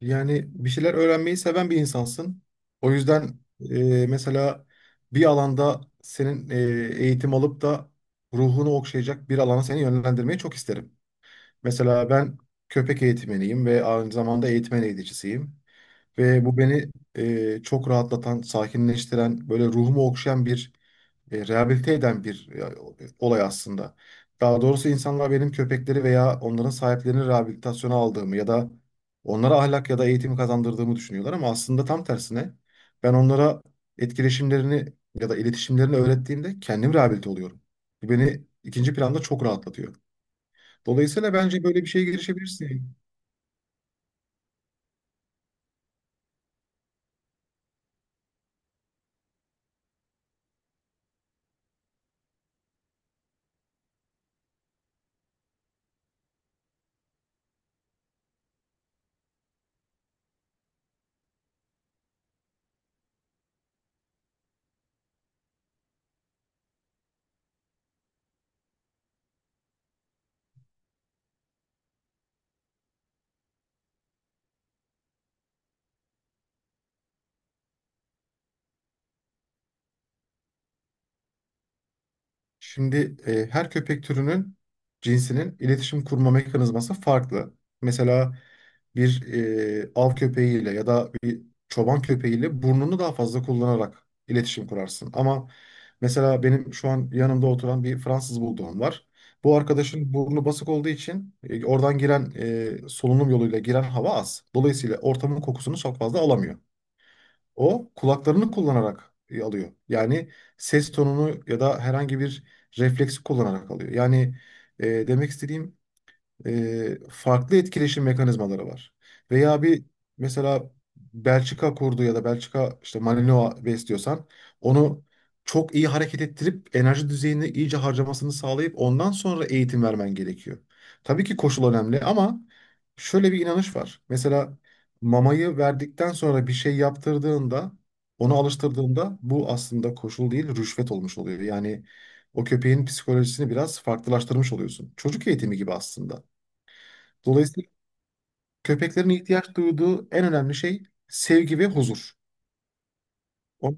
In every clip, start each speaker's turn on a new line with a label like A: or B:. A: Yani bir şeyler öğrenmeyi seven bir insansın. O yüzden mesela bir alanda senin eğitim alıp da ruhunu okşayacak bir alana seni yönlendirmeyi çok isterim. Mesela ben köpek eğitmeniyim ve aynı zamanda eğitmen eğiticisiyim. Ve bu beni çok rahatlatan, sakinleştiren, böyle ruhumu okşayan bir rehabilite eden bir olay aslında. Daha doğrusu insanlar benim köpekleri veya onların sahiplerini rehabilitasyona aldığımı ya da onlara ahlak ya da eğitim kazandırdığımı düşünüyorlar ama aslında tam tersine ben onlara etkileşimlerini ya da iletişimlerini öğrettiğimde kendim rehabilite oluyorum. Bu beni ikinci planda çok rahatlatıyor. Dolayısıyla bence böyle bir şeye girişebilirsin. Şimdi her köpek türünün cinsinin iletişim kurma mekanizması farklı. Mesela bir av köpeğiyle ya da bir çoban köpeğiyle burnunu daha fazla kullanarak iletişim kurarsın. Ama mesela benim şu an yanımda oturan bir Fransız bulldogum var. Bu arkadaşın burnu basık olduğu için oradan giren solunum yoluyla giren hava az. Dolayısıyla ortamın kokusunu çok fazla alamıyor. O kulaklarını kullanarak alıyor. Yani ses tonunu ya da herhangi bir refleksi kullanarak alıyor. Yani demek istediğim farklı etkileşim mekanizmaları var. Veya bir mesela Belçika kurdu ya da Belçika işte Malinois besliyorsan onu çok iyi hareket ettirip enerji düzeyini iyice harcamasını sağlayıp ondan sonra eğitim vermen gerekiyor. Tabii ki koşul önemli ama şöyle bir inanış var. Mesela mamayı verdikten sonra bir şey yaptırdığında onu alıştırdığında bu aslında koşul değil rüşvet olmuş oluyor. Yani o köpeğin psikolojisini biraz farklılaştırmış oluyorsun. Çocuk eğitimi gibi aslında. Dolayısıyla köpeklerin ihtiyaç duyduğu en önemli şey sevgi ve huzur. O,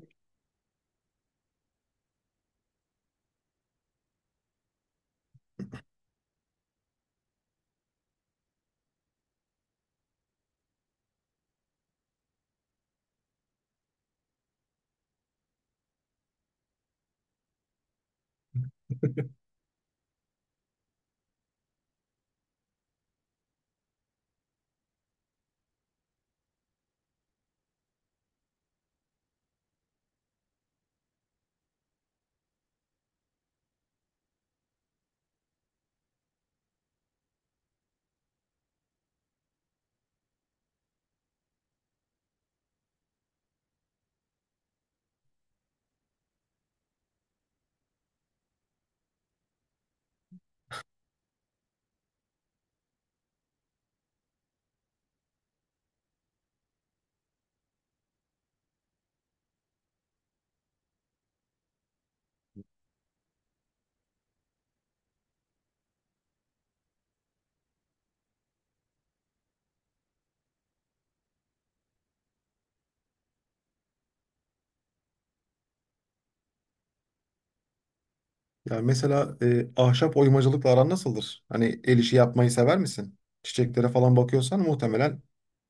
A: yani mesela ahşap oymacılıkla aran nasıldır? Hani el işi yapmayı sever misin? Çiçeklere falan bakıyorsan muhtemelen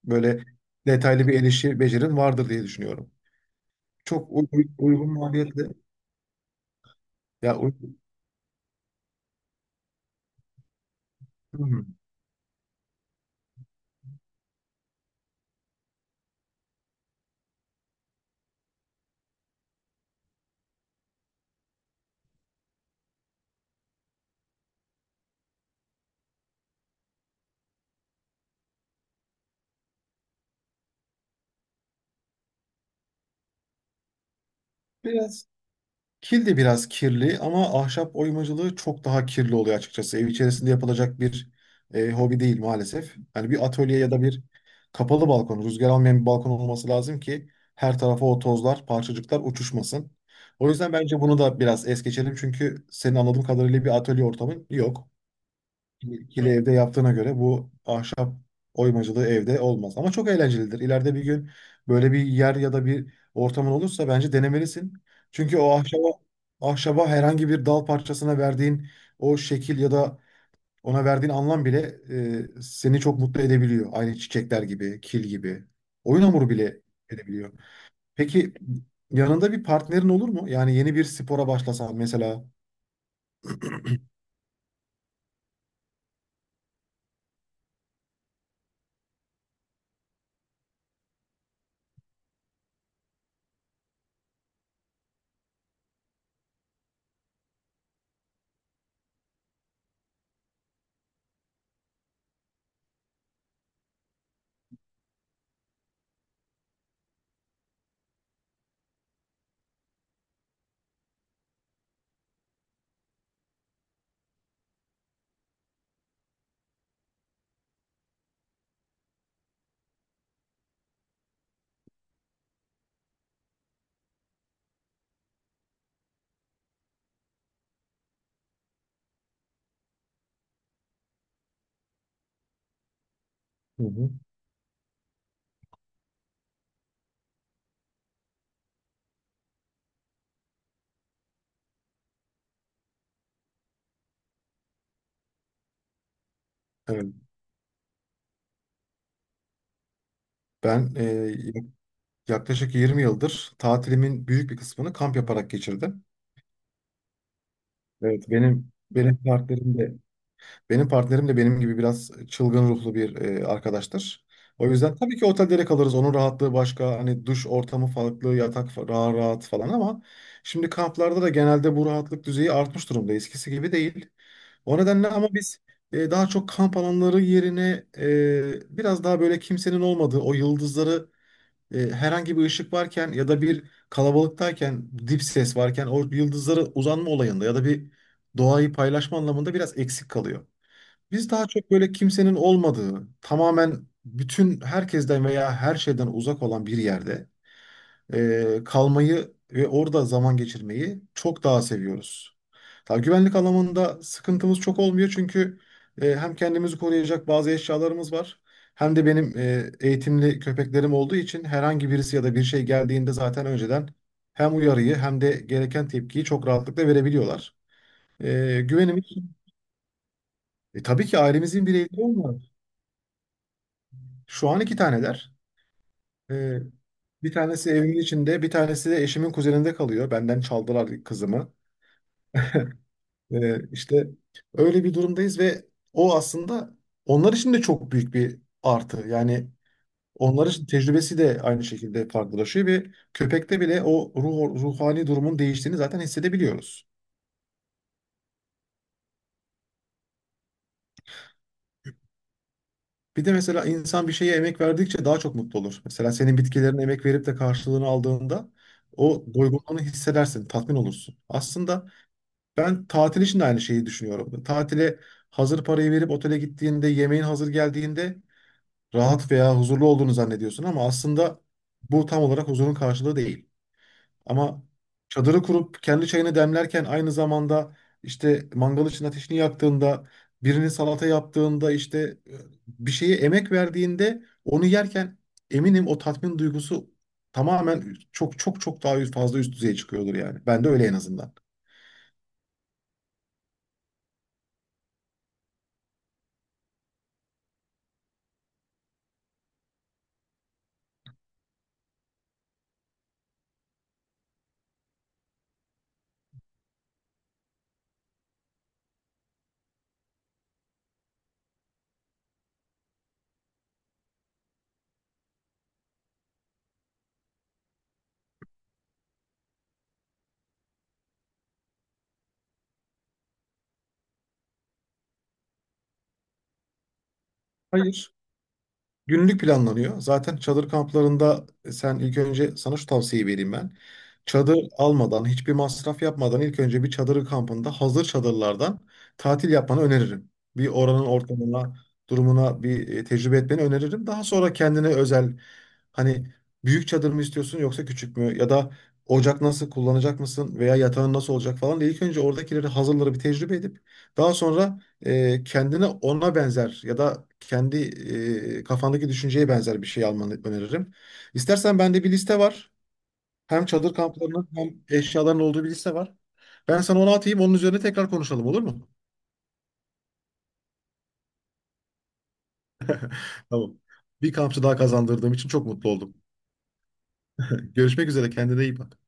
A: böyle detaylı bir el işi becerin vardır diye düşünüyorum. Çok uygun maliyetli. Ya uy- Hı hı. Biraz. Kil de biraz kirli ama ahşap oymacılığı çok daha kirli oluyor açıkçası. Ev içerisinde yapılacak bir hobi değil maalesef. Hani bir atölye ya da bir kapalı balkon, rüzgar almayan bir balkon olması lazım ki her tarafa o tozlar, parçacıklar uçuşmasın. O yüzden bence bunu da biraz es geçelim çünkü senin anladığım kadarıyla bir atölye ortamın yok. İkili evde yaptığına göre bu ahşap oymacılığı evde olmaz. Ama çok eğlencelidir. İleride bir gün böyle bir yer ya da bir ortamın olursa bence denemelisin. Çünkü o ahşaba, ahşaba herhangi bir dal parçasına verdiğin o şekil ya da ona verdiğin anlam bile seni çok mutlu edebiliyor. Aynı çiçekler gibi, kil gibi. Oyun hamuru bile edebiliyor. Peki yanında bir partnerin olur mu? Yani yeni bir spora başlasan mesela. Hı hı. Evet. Ben e, Yaklaşık 20 yıldır tatilimin büyük bir kısmını kamp yaparak geçirdim. Evet, benim partnerim de benim partnerim de benim gibi biraz çılgın ruhlu bir arkadaştır. O yüzden tabii ki otellere kalırız. Onun rahatlığı başka. Hani duş ortamı farklı, yatak rahat rahat falan ama şimdi kamplarda da genelde bu rahatlık düzeyi artmış durumda. Eskisi gibi değil. O nedenle ama biz daha çok kamp alanları yerine biraz daha böyle kimsenin olmadığı o yıldızları herhangi bir ışık varken ya da bir kalabalıktayken, dip ses varken o yıldızlara uzanma olayında ya da bir doğayı paylaşma anlamında biraz eksik kalıyor. Biz daha çok böyle kimsenin olmadığı, tamamen bütün herkesten veya her şeyden uzak olan bir yerde kalmayı ve orada zaman geçirmeyi çok daha seviyoruz. Tabii güvenlik alanında sıkıntımız çok olmuyor çünkü hem kendimizi koruyacak bazı eşyalarımız var. Hem de benim eğitimli köpeklerim olduğu için herhangi birisi ya da bir şey geldiğinde zaten önceden hem uyarıyı hem de gereken tepkiyi çok rahatlıkla verebiliyorlar. E, güvenimiz tabii ki ailemizin bireyleri var. Şu an iki taneler. E, bir tanesi evimin içinde, bir tanesi de eşimin kuzeninde kalıyor. Benden çaldılar kızımı. İşte öyle bir durumdayız ve o aslında onlar için de çok büyük bir artı. Yani onlar için tecrübesi de aynı şekilde farklılaşıyor ve köpekte bile o ruh, ruhani durumun değiştiğini zaten hissedebiliyoruz. Bir de mesela insan bir şeye emek verdikçe daha çok mutlu olur. Mesela senin bitkilerine emek verip de karşılığını aldığında o doygunluğunu hissedersin, tatmin olursun. Aslında ben tatil için de aynı şeyi düşünüyorum. Tatile hazır parayı verip otele gittiğinde, yemeğin hazır geldiğinde rahat veya huzurlu olduğunu zannediyorsun ama aslında bu tam olarak huzurun karşılığı değil. Ama çadırı kurup kendi çayını demlerken aynı zamanda işte mangal için ateşini yaktığında, birinin salata yaptığında işte e, bir şeye emek verdiğinde onu yerken eminim o tatmin duygusu tamamen çok çok çok daha fazla üst düzeye çıkıyordur yani. Ben de öyle en azından. Hayır. Günlük planlanıyor. Zaten çadır kamplarında sen ilk önce sana şu tavsiyeyi vereyim ben. Çadır almadan, hiçbir masraf yapmadan ilk önce bir çadırı kampında hazır çadırlardan tatil yapmanı öneririm. Bir oranın ortamına, durumuna bir tecrübe etmeni öneririm. Daha sonra kendine özel hani büyük çadır mı istiyorsun yoksa küçük mü ya da ocak nasıl kullanacak mısın veya yatağın nasıl olacak falan diye ilk önce oradakileri hazırları bir tecrübe edip daha sonra kendine ona benzer ya da kendi kafandaki düşünceye benzer bir şey almanı öneririm. İstersen bende bir liste var. Hem çadır kamplarının hem eşyaların olduğu bir liste var. Ben sana onu atayım, onun üzerine tekrar konuşalım olur mu? Tamam. Bir kampçı daha kazandırdığım için çok mutlu oldum. Görüşmek üzere, kendine iyi bak.